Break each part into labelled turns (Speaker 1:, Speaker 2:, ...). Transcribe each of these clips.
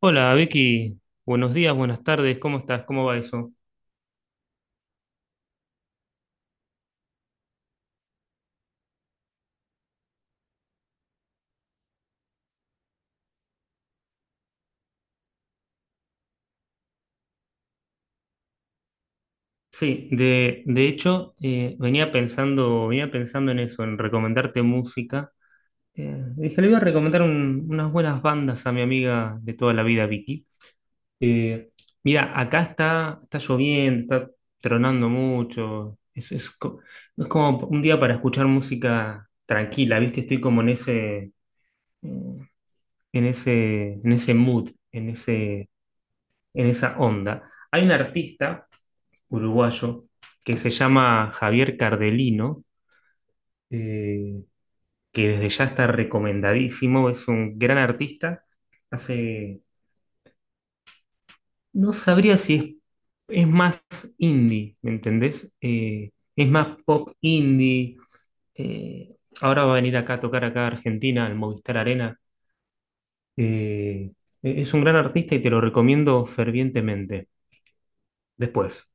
Speaker 1: Hola Vicky, buenos días, buenas tardes, ¿cómo estás? ¿Cómo va eso? Sí, de hecho venía pensando en eso, en recomendarte música. Dije, le voy a recomendar unas buenas bandas a mi amiga de toda la vida, Vicky. Eh, Mira, acá está, está lloviendo, está tronando mucho, es como un día para escuchar música tranquila, ¿viste? Estoy como en eh, en ese mood, en esa onda. Hay un artista uruguayo que se llama Javier Cardelino, eh, que desde ya está recomendadísimo, es un gran artista, hace, no sabría si es más indie, ¿me entendés? Es más pop indie, eh, ahora va a venir acá a tocar acá a Argentina, al Movistar Arena. Eh, es un gran artista y te lo recomiendo fervientemente. Después.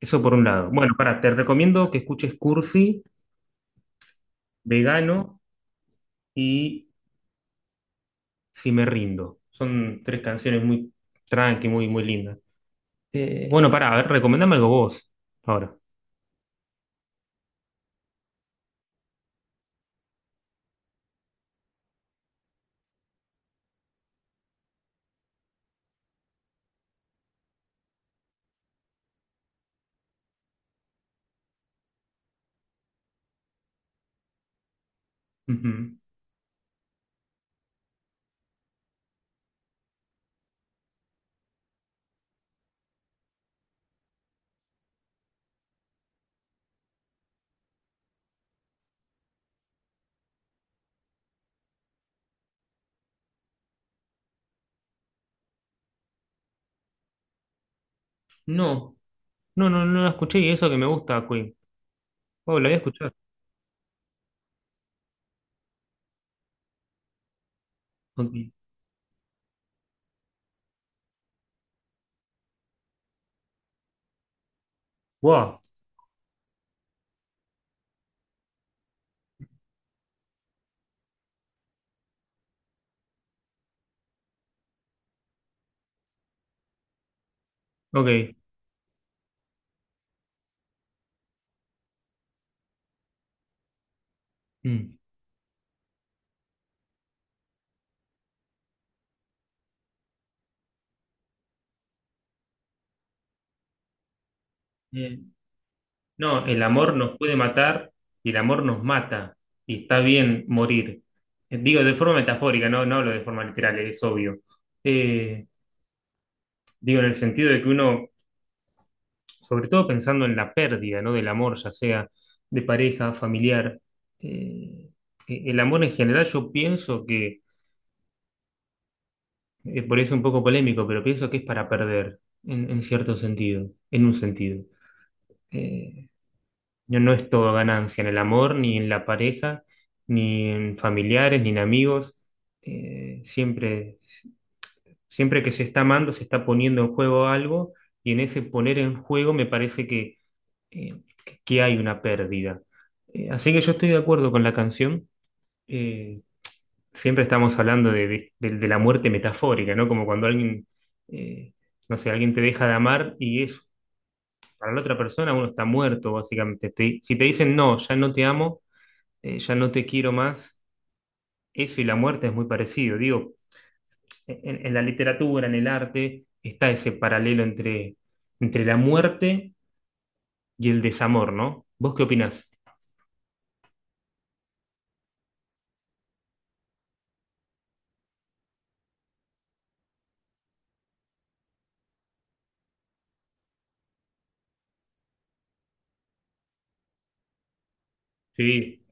Speaker 1: Eso por un lado. Bueno, para, te recomiendo que escuches Cursi, Vegano y Si me rindo. Son tres canciones muy tranqui, muy, muy lindas. Bueno, para, a ver, recomendame algo vos ahora. Ujú. No, no, no, no la escuché y eso que me gusta, Queen. Oh, la voy a escuchar. Ok. Wow. Ok. Mm. Eh, No, el amor nos puede matar y el amor nos mata y está bien morir. Digo de forma metafórica, no, no hablo de forma literal, es obvio. Eh, Digo en el sentido de que uno, sobre todo pensando en la pérdida, ¿no? Del amor, ya sea de pareja, familiar, eh, el amor en general yo pienso que, por eso es un poco polémico, pero pienso que es para perder, en cierto sentido, en un sentido. Eh, No, no es todo ganancia en el amor, ni en la pareja, ni en familiares, ni en amigos. Siempre, siempre que se está amando, se está poniendo en juego algo, y en ese poner en juego me parece que, que hay una pérdida. Así que yo estoy de acuerdo con la canción. Eh, Siempre estamos hablando de la muerte metafórica, ¿no? Como cuando alguien, eh, no sé, alguien te deja de amar y es para la otra persona uno está muerto, básicamente. Si te dicen no, ya no te amo ya no te quiero más, eso y la muerte es muy parecido. Digo, en la literatura, en el arte, está ese paralelo entre, entre la muerte y el desamor, ¿no? ¿Vos qué opinás? Sí.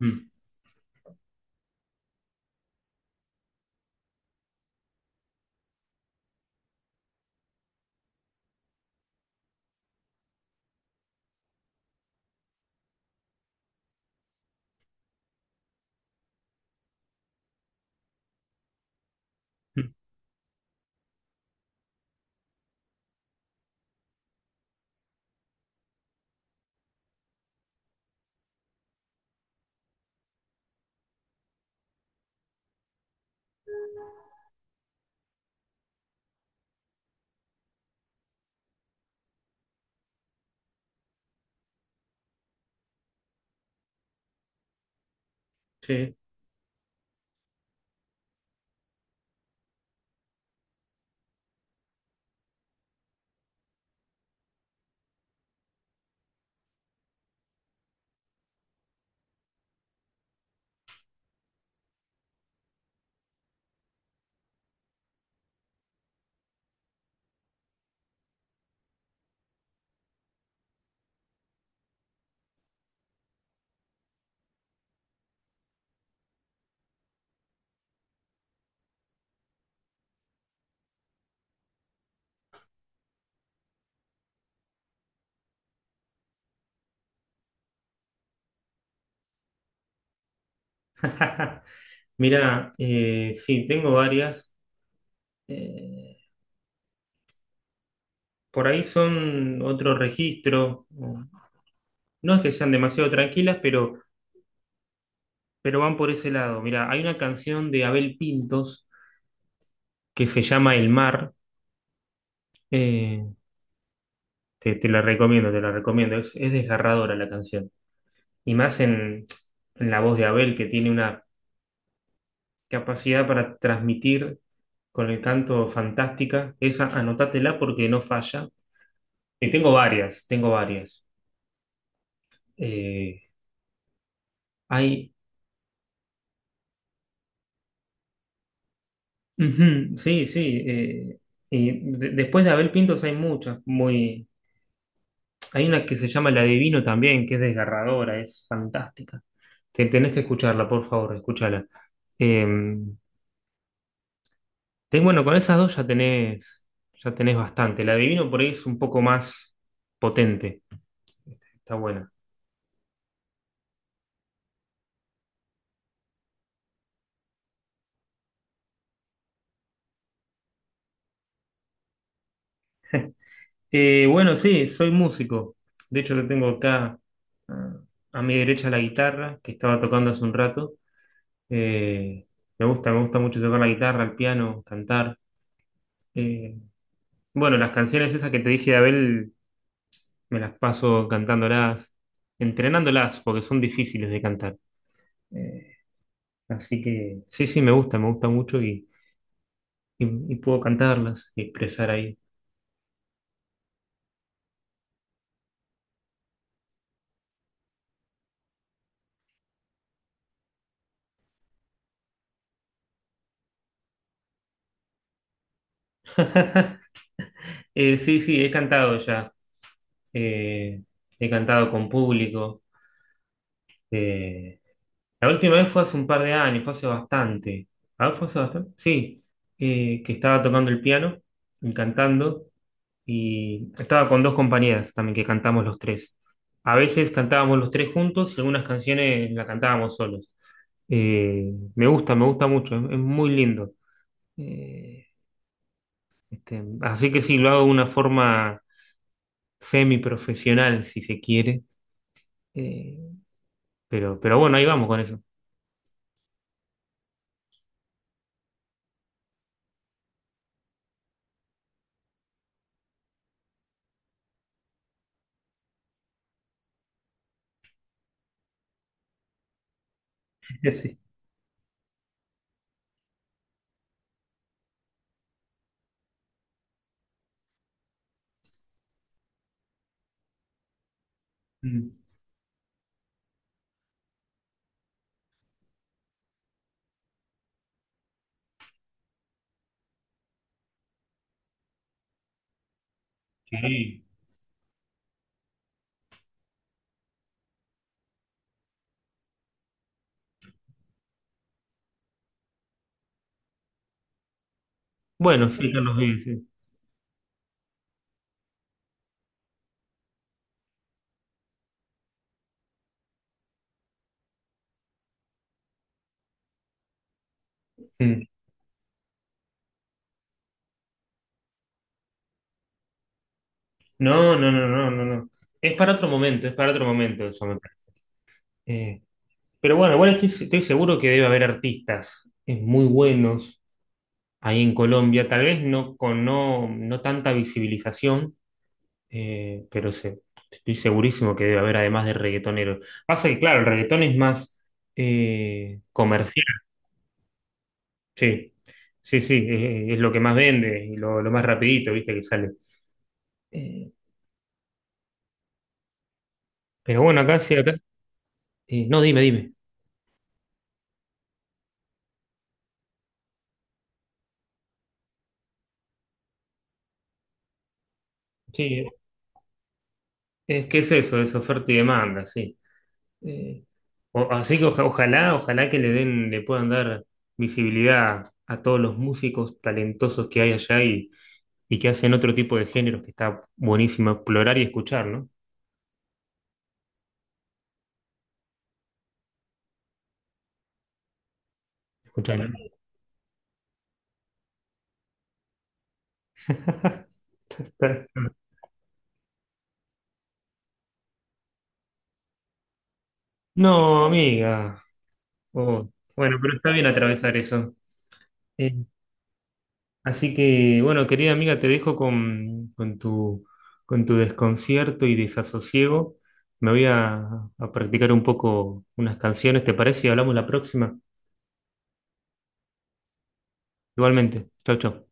Speaker 1: Mm. Mm. Sí. Mira, sí, tengo varias. Eh, por ahí son otro registro. No es que sean demasiado tranquilas, pero van por ese lado. Mira, hay una canción de Abel Pintos que se llama El Mar. Eh, Te, te la recomiendo, te la recomiendo. Es desgarradora la canción. Y más en la voz de Abel, que tiene una capacidad para transmitir con el canto fantástica. Esa, anótatela porque no falla. Y tengo varias, tengo varias. Eh, hay. Ujú, sí, sí. Y después de Abel Pintos hay muchas. Muy, hay una que se llama La Divino también, que es desgarradora, es fantástica. Te, tenés que escucharla, por favor, escúchala. Eh, bueno, con esas dos ya tenés bastante. La adivino por ahí es un poco más potente. Está buena. Bueno, sí, soy músico. De hecho, lo tengo acá ah, a mi derecha la guitarra, que estaba tocando hace un rato. Eh, Me gusta, me gusta mucho tocar la guitarra, el piano, cantar. Eh, bueno, las canciones esas que te dije de Abel, me las paso cantándolas, entrenándolas, porque son difíciles de cantar. Eh, Así que sí, sí, me gusta mucho y puedo cantarlas y expresar ahí. Sí, sí, he cantado ya. Eh, He cantado con público. Eh, la última vez fue hace un par de años, fue hace bastante. Ah, fue hace bastante. Sí, que estaba tocando el piano y cantando. Y estaba con dos compañeras también que cantamos los tres. A veces cantábamos los tres juntos y algunas canciones las cantábamos solos. Me gusta, me gusta mucho, es muy lindo. Eh, Así que sí, lo hago de una forma semiprofesional, si se quiere. Eh, pero bueno, ahí vamos con eso. Sí. Mm, sí. Bueno, sí, Carlos Vives, sí. Mm. No, no, no, no, no, no. Es para otro momento, es para otro momento eso me parece. Eh, pero bueno, igual estoy, estoy seguro que debe haber artistas muy buenos ahí en Colombia, tal vez no con no, no tanta visibilización. Eh, pero se- Estoy segurísimo que debe haber además de reggaetonero. Pasa que, claro, el reggaetón es más comercial. Sí, sí, sí, es lo que más vende y lo más rapidito, viste, que sale. Eh, pero bueno, acá sí, acá. No, dime, dime. Sí, es que es eso, es oferta y demanda, sí. Eh, Así que ojalá, ojalá que le den, le puedan dar visibilidad a todos los músicos talentosos que hay allá y que hacen otro tipo de géneros que está buenísimo explorar y escuchar, ¿no? Escúchame. No, amiga. Oh, bueno, pero está bien atravesar eso. Eh, Así que, bueno, querida amiga, te dejo con tu desconcierto y desasosiego. Me voy a practicar un poco unas canciones, ¿te parece? Y hablamos la próxima. Igualmente. Chau, chau.